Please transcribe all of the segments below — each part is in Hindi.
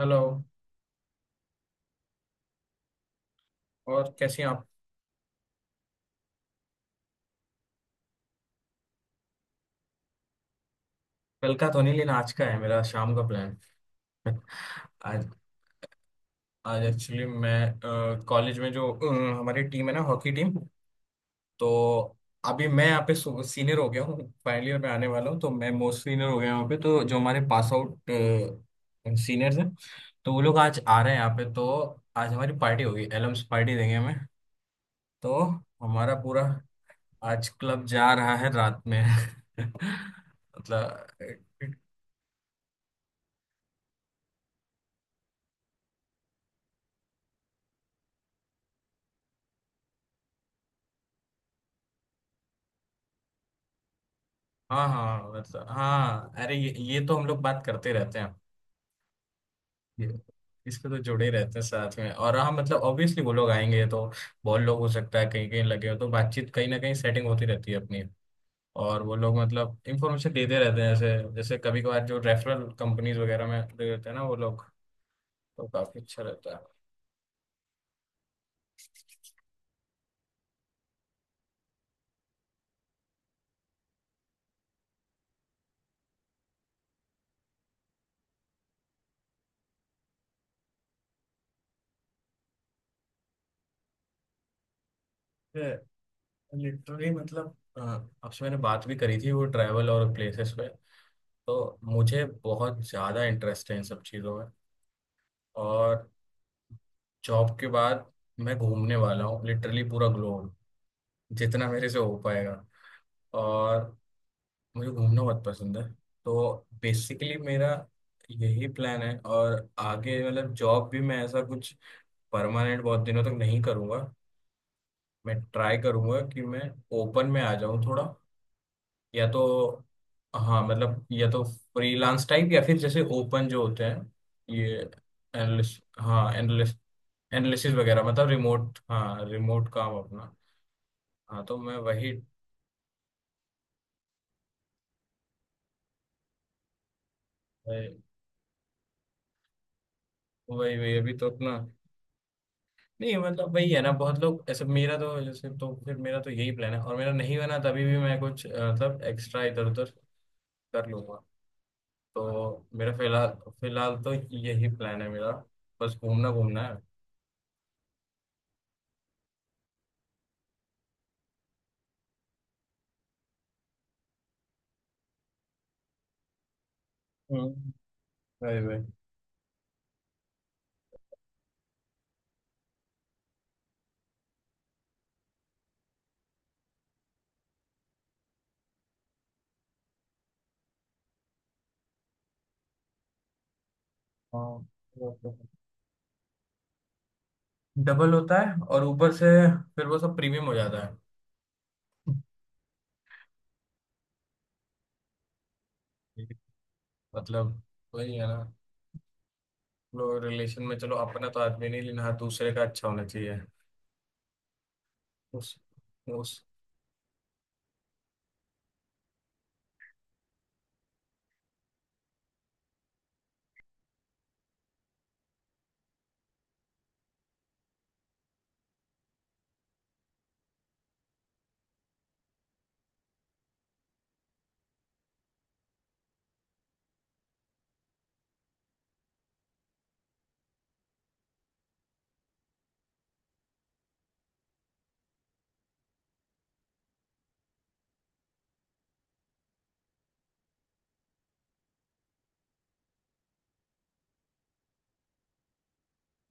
हेलो। और कैसी हैं आप। कल का तो नहीं लेना, आज का है मेरा शाम का प्लान। आज आज एक्चुअली मैं कॉलेज में जो हमारी टीम है ना, हॉकी टीम, तो अभी मैं यहाँ पे सीनियर हो गया हूँ, फाइनल ईयर में आने वाला हूँ, तो मैं मोस्ट सीनियर हो गया यहाँ पे। तो जो हमारे पास आउट सीनियर्स हैं, तो वो लोग आज आ रहे हैं यहाँ पे। तो आज हमारी पार्टी होगी, एलम्स पार्टी देंगे हमें, तो हमारा पूरा आज क्लब जा रहा है रात में। मतलब। हाँ हाँ, मतलब हाँ, अरे ये तो हम लोग बात करते रहते हैं। ये इस पे तो जुड़े रहते हैं साथ में। और हाँ, मतलब ऑब्वियसली वो लोग आएंगे तो बहुत लोग हो सकता है कहीं कहीं लगे हो, तो बातचीत कहीं ना कहीं सेटिंग होती रहती है अपनी। और वो लोग मतलब इंफॉर्मेशन देते रहते हैं, जैसे जैसे कभी कभार जो रेफरल कंपनीज वगैरह में दे देते हैं ना वो लोग, तो काफी अच्छा रहता है। लिटरली मतलब आपसे मैंने बात भी करी थी वो ट्रैवल और प्लेसेस पे। तो मुझे बहुत ज्यादा इंटरेस्ट है इन सब चीजों में। और जॉब के बाद मैं घूमने वाला हूँ, लिटरली पूरा ग्लोब, जितना मेरे से हो पाएगा। और मुझे घूमना बहुत पसंद है, तो बेसिकली मेरा यही प्लान है। और आगे मतलब जॉब भी मैं ऐसा कुछ परमानेंट बहुत दिनों तक नहीं करूँगा। मैं ट्राई करूँगा कि मैं ओपन में आ जाऊँ थोड़ा, या तो, हाँ मतलब या तो फ्रीलांस टाइप, या फिर जैसे ओपन जो होते हैं, ये एनालिस्ट, हाँ एनालिस्ट, एनालिसिस वगैरह, मतलब रिमोट, हाँ रिमोट काम अपना। हाँ, तो मैं वही। वही वही अभी तो अपना, नहीं मतलब वही है ना, बहुत लोग ऐसे मेरा तो जैसे, तो फिर मेरा तो यही प्लान है। और मेरा नहीं बना तभी भी मैं कुछ मतलब एक्स्ट्रा इधर उधर कर लूंगा। तो मेरा फिलहाल, फिलहाल तो यही प्लान है मेरा, बस घूमना घूमना है। हम्म। वही वही हाँ वो तो है। डबल होता है, और ऊपर से फिर वो सब प्रीमियम हो जाता है। मतलब वही है ना, लोग रिलेशन में चलो अपना तो आदमी नहीं लेना, दूसरे का अच्छा होना चाहिए। उस उस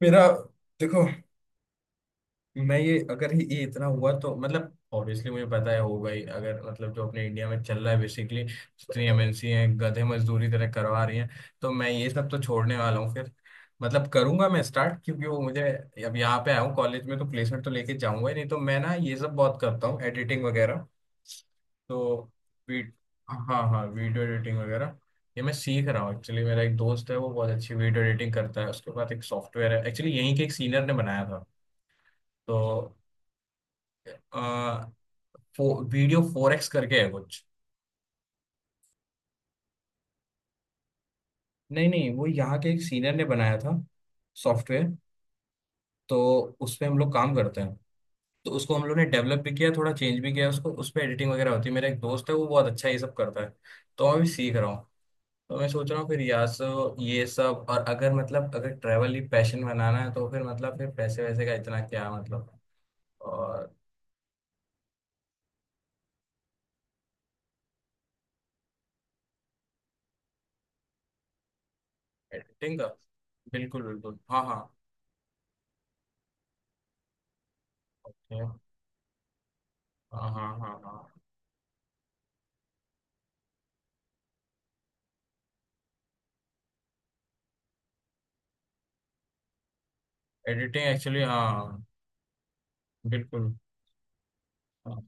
मेरा देखो, मैं ये अगर ये इतना हुआ तो मतलब ऑब्वियसली मुझे पता है होगा ही, अगर मतलब जो अपने इंडिया में चल रहा है बेसिकली, जितनी एमएनसी हैं गधे मजदूरी तरह करवा रही हैं। तो मैं ये सब तो छोड़ने वाला हूँ फिर। मतलब करूंगा मैं स्टार्ट, क्योंकि वो मुझे, अब यहाँ पे आया हूँ कॉलेज में तो प्लेसमेंट तो लेके जाऊंगा ही, नहीं तो मैं ना ये सब बहुत करता हूँ एडिटिंग वगैरह। तो वी- हाँ हाँ, वीडियो एडिटिंग वगैरह। ये मैं सीख रहा हूँ एक्चुअली, मेरा एक दोस्त है वो बहुत अच्छी वीडियो एडिटिंग करता है। उसके बाद एक सॉफ्टवेयर है एक्चुअली, यहीं के एक सीनियर ने बनाया था। तो आ, फो, वीडियो फोर एक्स करके है कुछ। नहीं नहीं, वो यहाँ के एक सीनियर ने बनाया था सॉफ्टवेयर, तो उस पे हम लोग काम करते हैं। तो उसको हम लोग ने डेवलप भी किया, थोड़ा चेंज भी किया उसको, उस पे एडिटिंग वगैरह होती है। मेरा एक दोस्त है वो बहुत अच्छा ये सब करता है, तो मैं भी सीख रहा हूँ। तो मैं सोच रहा हूँ फिर यहाँ से ये सब, और अगर मतलब अगर ट्रैवल ही पैशन बनाना है तो फिर मतलब फिर पैसे वैसे का इतना क्या मतलब। और एडिटिंग का बिल्कुल बिल्कुल, हाँ हाँ। ओके, हाँ हाँ हाँ हाँ। एडिटिंग एक्चुअली हाँ। बिल्कुल, हाँ।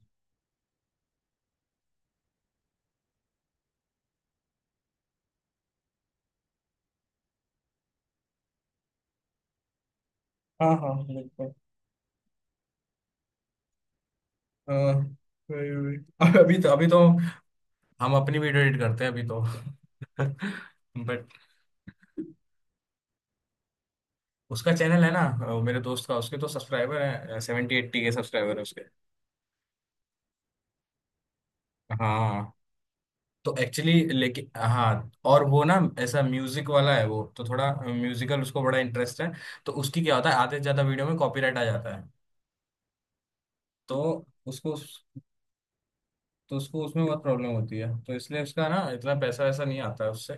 हाँ हाँ, बिल्कुल। हाँ, वही वही अब अभी तो हम अपनी वीडियो एडिट करते हैं अभी तो। बट उसका चैनल है ना, मेरे दोस्त का, उसके तो सब्सक्राइबर है, 70-80K सब्सक्राइबर है उसके। हाँ, तो एक्चुअली लेकिन हाँ, और वो ना ऐसा म्यूजिक वाला है वो, तो थोड़ा म्यूजिकल उसको बड़ा इंटरेस्ट है। तो उसकी क्या होता है, आधे से ज्यादा वीडियो में कॉपीराइट आ जाता है। तो उसको, तो उसको उसमें बहुत प्रॉब्लम होती है, तो इसलिए उसका ना इतना पैसा वैसा नहीं आता है उससे।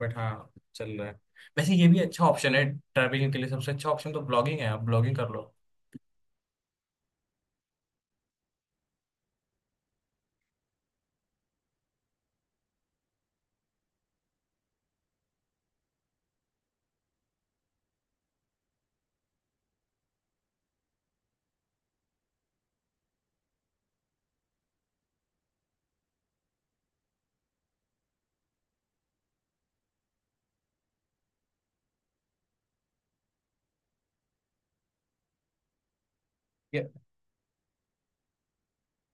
बट हाँ चल रहा है। वैसे ये भी अच्छा ऑप्शन है, ट्रैवलिंग के लिए सबसे अच्छा ऑप्शन तो ब्लॉगिंग है, आप ब्लॉगिंग कर लो। ये,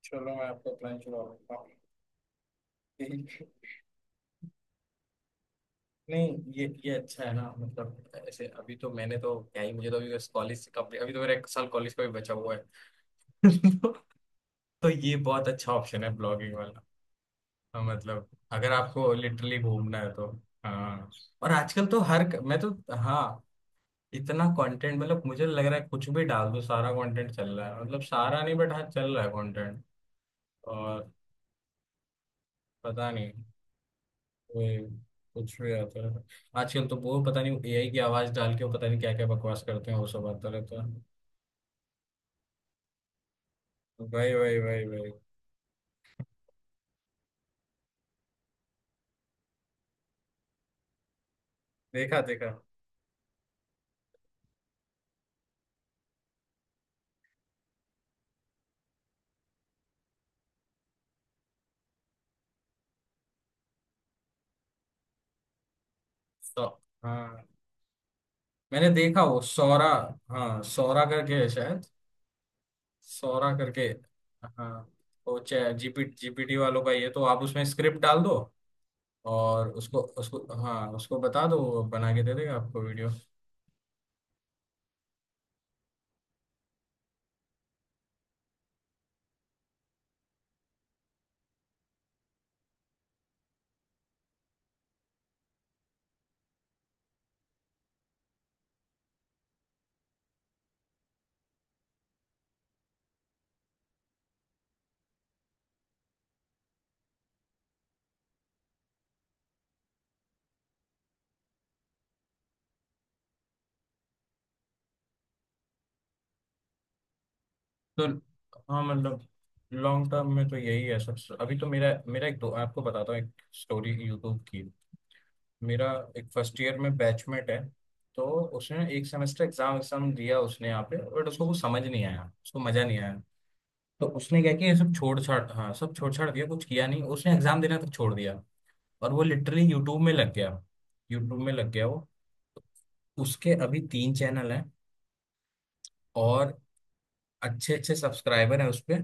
चलो मैं आपको प्लान चुरा लेता हूँ। नहीं ये अच्छा है ना मतलब, ऐसे अभी तो मैंने तो क्या ही, मुझे तो अभी कॉलेज से कम्प्लीट, अभी तो मेरा एक साल कॉलेज का भी बचा हुआ है। तो ये बहुत अच्छा ऑप्शन है ब्लॉगिंग वाला। हाँ, मतलब अगर आपको लिटरली घूमना है तो हाँ। और आजकल तो हर, मैं तो, हाँ इतना कंटेंट मतलब, मुझे लग रहा है कुछ भी डाल दो सारा कंटेंट चल रहा है, मतलब सारा नहीं बट हाँ चल रहा है कंटेंट। और पता नहीं, कोई कुछ भी आता है तो। आजकल तो वो पता नहीं एआई की आवाज डाल के वो पता नहीं क्या क्या बकवास करते हैं, वो सब आता रहता है। वही वही वही वही देखा देखा। सौ हाँ मैंने देखा वो सौरा, हाँ सौरा करके है शायद, सौरा करके। हाँ वो चैट जीपीटी वालों का। ये तो आप उसमें स्क्रिप्ट डाल दो, और उसको उसको हाँ उसको बता दो, वो बना के दे देगा आपको वीडियो। तो हाँ मतलब, लॉन्ग टर्म में तो यही है सबसे। अभी तो मेरा मेरा एक दो आपको बताता हूँ एक स्टोरी यूट्यूब की। मेरा एक फर्स्ट ईयर में बैचमेट है। तो उसने एक सेमेस्टर एग्जाम एग्जाम दिया उसने यहाँ पे, बट उसको कुछ समझ नहीं आया, उसको मजा नहीं आया। तो उसने क्या किया, ये सब छोड़ छाड़, हाँ सब छोड़ छाड़ दिया, कुछ किया नहीं, उसने एग्जाम देना तक छोड़ दिया। और वो लिटरली यूट्यूब में लग गया, यूट्यूब में लग गया वो। उसके अभी 3 चैनल हैं, और अच्छे अच्छे सब्सक्राइबर हैं उस पे।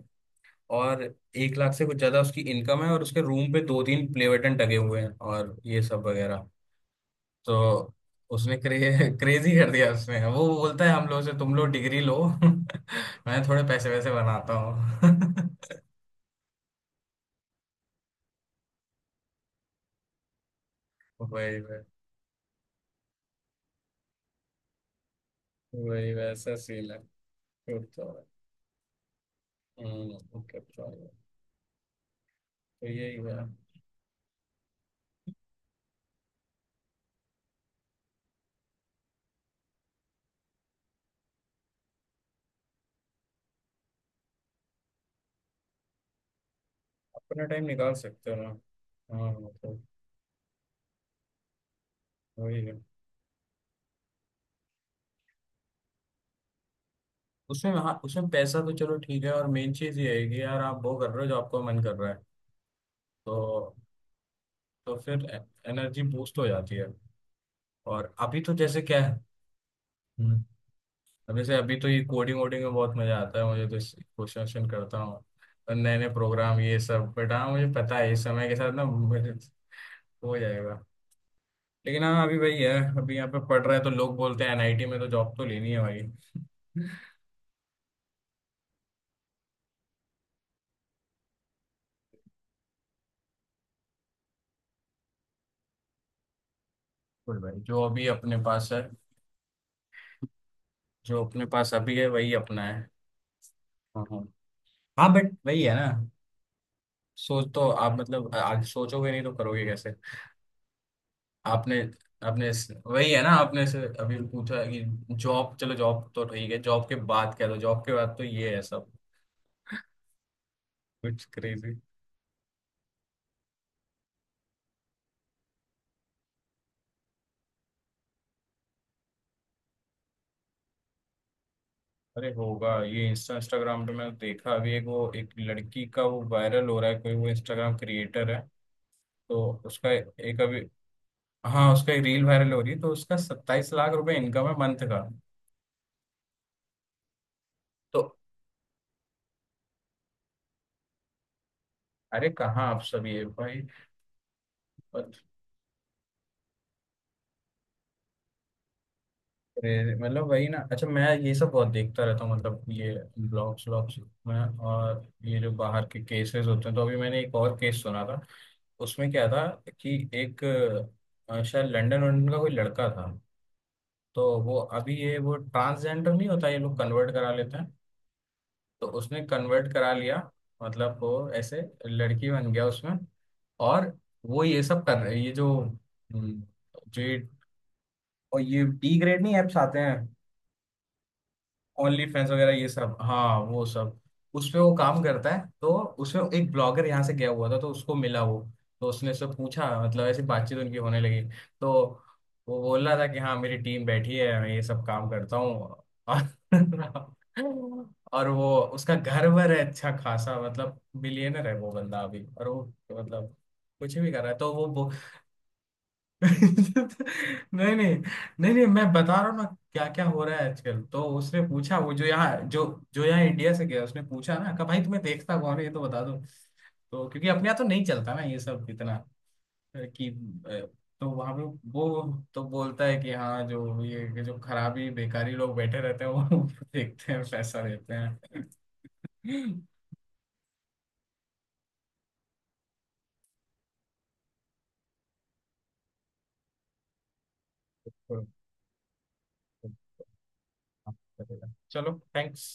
और 1 लाख से कुछ ज्यादा उसकी इनकम है, और उसके रूम पे दो तीन प्ले बटन टंगे हुए हैं और ये सब वगैरह। तो उसने क्रेजी कर दिया उसने। वो बोलता है हम लोग से, तुम लोग डिग्री लो, मैं थोड़े पैसे वैसे बनाता हूँ। वही वही वही वैसा सीन है फिर तो। ओके तो यही है। अपना टाइम निकाल सकते हो ना। हाँ मतलब वही है। उसमें हाँ उसमें पैसा तो चलो ठीक है, और मेन चीज ये है कि यार आप वो कर रहे हो जो आपको मन कर रहा है। तो तो फिर एनर्जी बूस्ट हो जाती है। और अभी तो जैसे क्या है, हम्म, अब जैसे अभी तो ये कोडिंग वोडिंग में बहुत मजा आता है मुझे तो, क्वेश्चन वोश्चन करता हूँ और नए नए प्रोग्राम ये सब। बट हाँ मुझे पता है इस समय के साथ ना मुझे हो जाएगा। लेकिन हाँ अभी वही है, अभी यहाँ पे पढ़ रहा है तो लोग बोलते हैं एनआईटी में तो जॉब तो लेनी है भाई। बिल्कुल। भाई जो अभी अपने पास है, जो अपने पास अभी है वही अपना है। हाँ हाँ, हाँ बट वही है ना, सोच तो आप मतलब आज सोचोगे नहीं तो करोगे कैसे। आपने आपने वही है ना आपने से अभी पूछा कि जॉब, चलो जॉब तो ठीक है, जॉब के बाद क्या, तो जॉब के बाद तो ये है सब, कुछ क्रेजी। अरे होगा, ये इंस्टाग्राम पे मैंने देखा अभी, एक वो एक लड़की का वो वायरल हो रहा है, कोई वो इंस्टाग्राम क्रिएटर है। तो उसका एक अभी हाँ उसका एक रील वायरल हो रही है, तो उसका 27 लाख रुपए इनकम है मंथ का। तो अरे कहाँ, आप सब ये भाई। अरे, मतलब वही ना, अच्छा मैं ये सब बहुत देखता रहता हूँ मतलब ये ब्लॉग्स व्लॉग्स में और ये जो बाहर के केसेस होते हैं। तो अभी मैंने एक और केस सुना था, उसमें क्या था कि एक शायद लंदन वंदन का कोई लड़का था, तो वो अभी ये वो ट्रांसजेंडर नहीं होता, ये लोग कन्वर्ट करा लेते हैं। तो उसने कन्वर्ट करा लिया, मतलब वो ऐसे लड़की बन गया उसमें। और वो ये सब कर रहे, ये जो जो ये- और ये डी ग्रेड नहीं एप्स आते हैं, ओनली फैंस वगैरह ये सब, हाँ वो सब। उसपे वो काम करता है। तो उसमें एक ब्लॉगर यहाँ से गया हुआ था, तो उसको मिला वो। तो उसने उससे पूछा, मतलब ऐसी बातचीत उनकी होने लगी, तो वो बोल रहा था कि हाँ मेरी टीम बैठी है मैं ये सब काम करता हूँ। और और वो उसका घर वर है अच्छा खासा, मतलब बिलियनर है वो बंदा अभी। और वो मतलब कुछ भी कर रहा है तो वो वो। नहीं नहीं नहीं नहीं, मैं बता रहा हूँ ना क्या क्या हो रहा है आजकल। तो उसने पूछा, वो जो यहाँ जो जो यहाँ इंडिया से गया, उसने पूछा ना, कहा भाई तुम्हें देखता कौन है ये तो बता दो, तो क्योंकि अपने यहाँ तो नहीं चलता ना ये सब इतना, कि अ, तो वहां पे वो तो बोलता है कि हाँ जो ये जो खराबी बेकारी लोग बैठे रहते हैं वो देखते हैं पैसा देते हैं। चलो थैंक्स।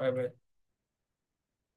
Bye bye.